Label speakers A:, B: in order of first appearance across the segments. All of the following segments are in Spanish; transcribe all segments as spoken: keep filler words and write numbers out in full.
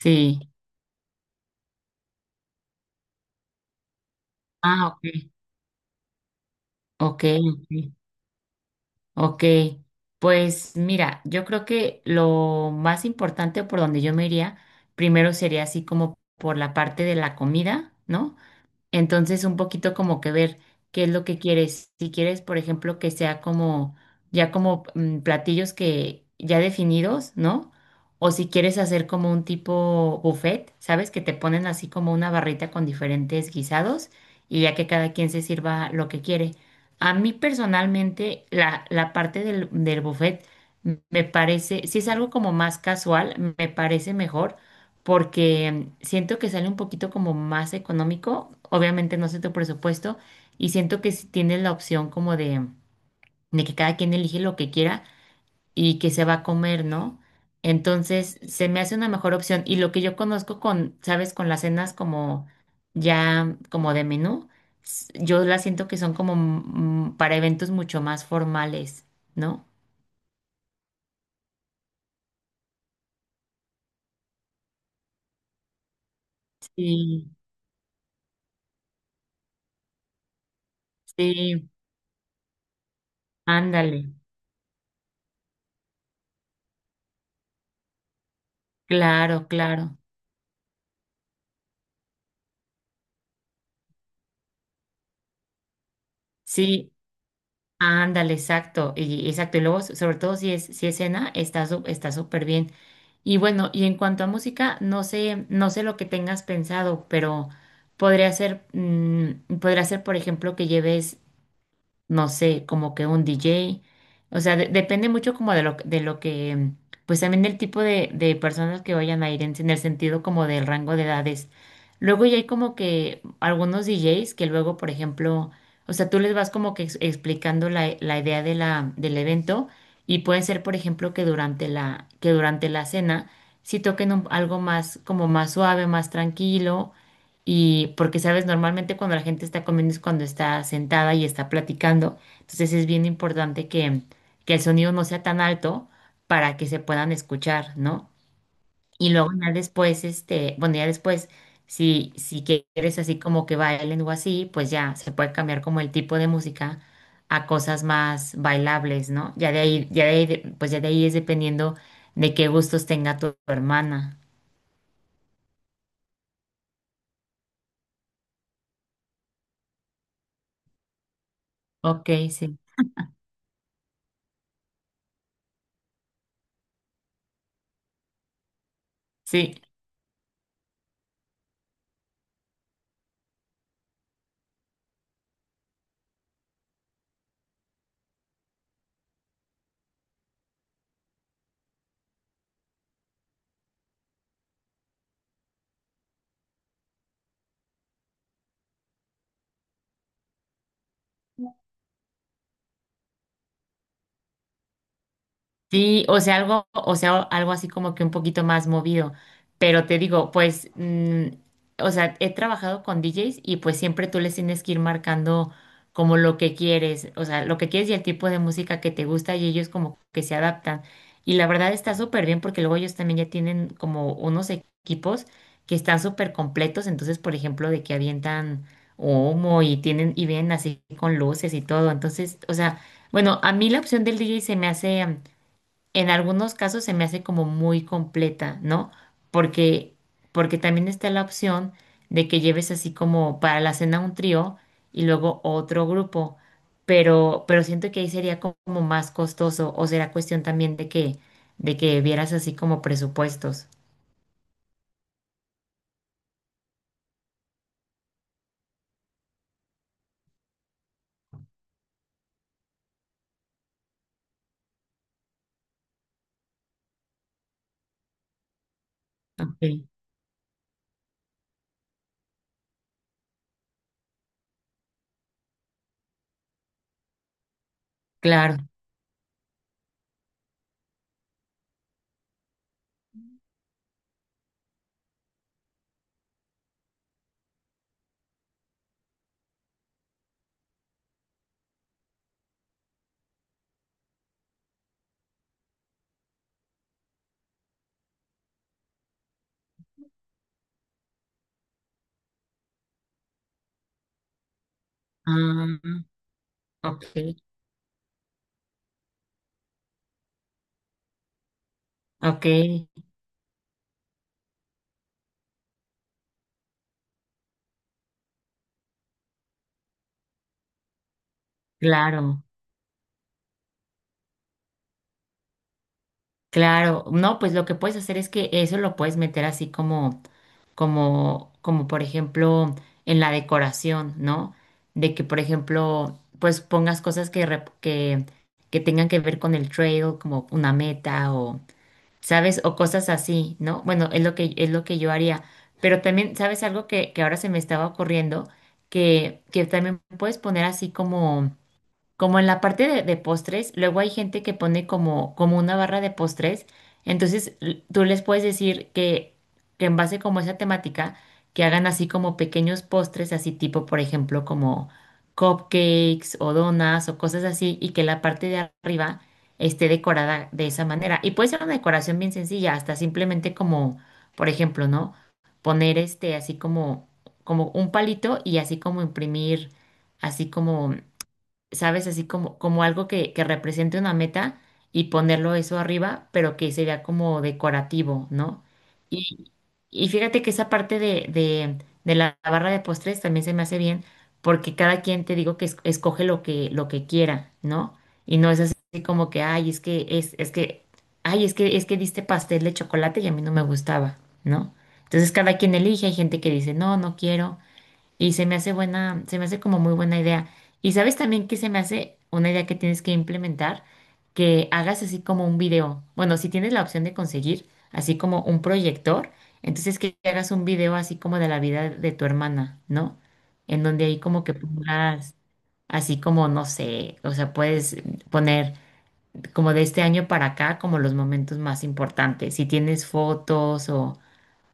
A: Sí. Ah, ok, ok, ok. ok. Pues mira, yo creo que lo más importante por donde yo me iría, primero sería así como por la parte de la comida, ¿no? Entonces, un poquito como que ver qué es lo que quieres. Si quieres, por ejemplo, que sea como ya como mm, platillos que ya definidos, ¿no? O si quieres hacer como un tipo buffet, ¿sabes? Que te ponen así como una barrita con diferentes guisados y ya que cada quien se sirva lo que quiere. A mí personalmente, la, la parte del, del buffet me parece, si es algo como más casual, me parece mejor porque siento que sale un poquito como más económico, obviamente no sé tu presupuesto, y siento que si tienes la opción como de, de que cada quien elige lo que quiera y que se va a comer, ¿no? Entonces se me hace una mejor opción y lo que yo conozco con, sabes, con las cenas como ya como de menú, s- yo las siento que son como mm, para eventos mucho más formales, ¿no? Sí, sí, ándale, claro, claro. Sí, ándale, exacto, y exacto, y luego so- sobre todo si es si es cena, está su- está súper bien. Y bueno, y en cuanto a música, no sé, no sé lo que tengas pensado, pero podría ser mm, podría ser por ejemplo que lleves no sé, como que un D J. O sea, de- depende mucho como de lo, de lo que, pues también del tipo de, de personas que vayan a ir en, en el sentido como del rango de edades. Luego ya hay como que algunos D Js que luego, por ejemplo, o sea, tú les vas como que ex- explicando la, la idea de la, del evento y puede ser, por ejemplo, que durante la, que durante la cena si toquen un- algo más, como más suave, más tranquilo y porque, sabes, normalmente cuando la gente está comiendo es cuando está sentada y está platicando. Entonces es bien importante que, que el sonido no sea tan alto para que se puedan escuchar, ¿no? Y luego ya después, este, bueno, ya después, si, si quieres así como que bailen o así, pues ya se puede cambiar como el tipo de música a cosas más bailables, ¿no? Ya de ahí, ya de ahí, de- pues ya de ahí es dependiendo de qué gustos tenga tu hermana. Ok, sí. Sí, sí, o sea, algo, o sea, algo así como que un poquito más movido. Pero te digo, pues, mm, o sea, he trabajado con D Js y pues siempre tú les tienes que ir marcando como lo que quieres, o sea, lo que quieres y el tipo de música que te gusta y ellos como que se adaptan. Y la verdad está súper bien porque luego ellos también ya tienen como unos equipos que están súper completos, entonces, por ejemplo, de que avientan humo y tienen y vienen así con luces y todo. Entonces, o sea, bueno, a mí la opción del D J se me hace en algunos casos se me hace como muy completa, ¿no? Porque, porque también está la opción de que lleves así como para la cena un trío y luego otro grupo, pero, pero siento que ahí sería co- como más costoso o será cuestión también de que, de que vieras así como presupuestos. Ok, claro. Ah, ok, ok, claro. Claro, no, pues lo que puedes hacer es que eso lo puedes meter así como, como, como por ejemplo en la decoración, ¿no? De que por ejemplo, pues pongas cosas que, rep- que, que tengan que ver con el trail, como una meta o, ¿sabes? O cosas así, ¿no? Bueno, es lo que, es lo que yo haría. Pero también, ¿sabes algo que, que ahora se me estaba ocurriendo? Que, que también puedes poner así como como en la parte de, de postres, luego hay gente que pone como, como una barra de postres, entonces l- tú les puedes decir que, que en base como a esa temática, que hagan así como pequeños postres, así tipo, por ejemplo, como cupcakes o donas o cosas así, y que la parte de arriba esté decorada de esa manera. Y puede ser una decoración bien sencilla, hasta simplemente como, por ejemplo, ¿no? Poner este así como, como un palito y así como imprimir así como ¿sabes? Así como, como algo que, que represente una meta y ponerlo eso arriba, pero que se vea como decorativo, ¿no? Y, y fíjate que esa parte de, de, de la barra de postres también se me hace bien, porque cada quien te digo que es- escoge lo que, lo que quiera, ¿no? Y no es así como que, ay, es que, es, es que, ay, es que, es que diste pastel de chocolate y a mí no me gustaba, ¿no? Entonces cada quien elige, hay gente que dice, no, no quiero. Y se me hace buena, se me hace como muy buena idea. Y sabes también que se me hace una idea que tienes que implementar, que hagas así como un video. Bueno, si tienes la opción de conseguir así como un proyector, entonces que hagas un video así como de la vida de tu hermana, ¿no? En donde ahí como que pongas así como, no sé, o sea, puedes poner como de este año para acá como los momentos más importantes. Si tienes fotos o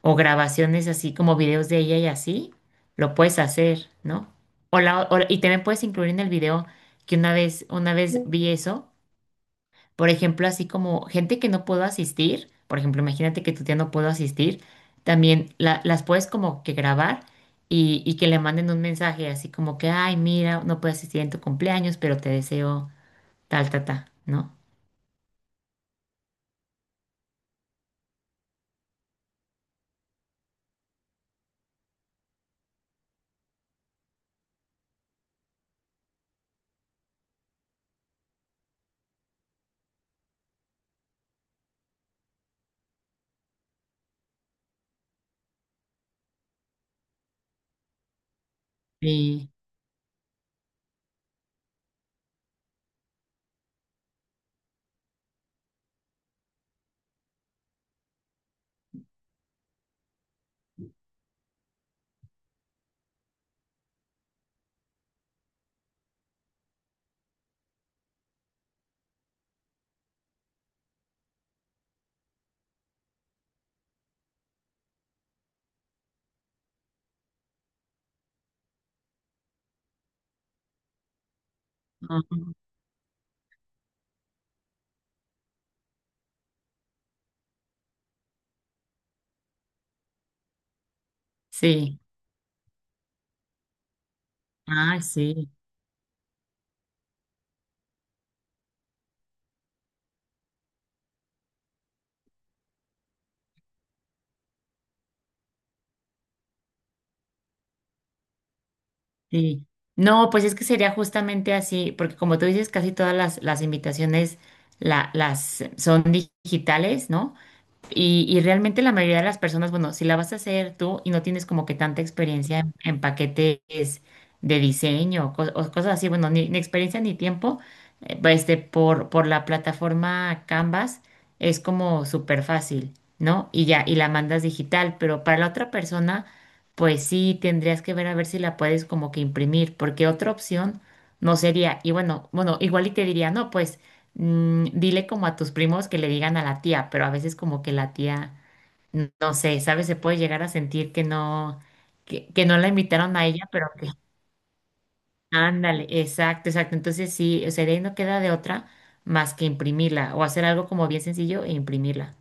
A: o grabaciones así como videos de ella y así, lo puedes hacer, ¿no? O la, o- y también puedes incluir en el video que una vez, una vez vi eso, por ejemplo, así como gente que no pudo asistir, por ejemplo, imagínate que tu tía no pudo asistir, también la- las puedes como que grabar y, y que le manden un mensaje así como que, ay, mira, no puedo asistir en tu cumpleaños, pero te deseo tal, tal, tal, ¿no? Sí. Ujú. Sí, ah sí. Sí. No, pues es que sería justamente así, porque como tú dices, casi todas las, las invitaciones la- las son digitales, ¿no? Y, y realmente la mayoría de las personas, bueno, si la vas a hacer tú y no tienes como que tanta experiencia en, en paquetes de diseño o, cos- o cosas así, bueno, ni, ni experiencia ni tiempo, eh, pues, este, por, por la plataforma Canvas es como súper fácil, ¿no? Y ya, y la mandas digital, pero para la otra persona, pues sí tendrías que ver a ver si la puedes como que imprimir, porque otra opción no sería, y bueno, bueno, igual y te diría, no, pues. Mm, dile como a tus primos que le digan a la tía, pero a veces como que la tía, n- no sé, ¿sabes? Se puede llegar a sentir que no, que, que no la invitaron a ella, pero que, ándale, exacto, exacto. Entonces sí, o sea, de ahí no queda de otra más que imprimirla o hacer algo como bien sencillo e imprimirla.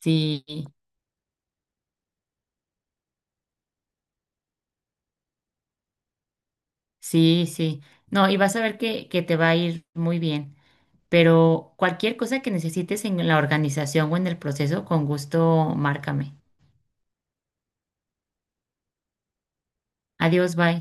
A: Sí, sí, sí. No, y vas a ver que, que te va a ir muy bien. Pero cualquier cosa que necesites en la organización o en el proceso, con gusto, márcame. Adiós, bye.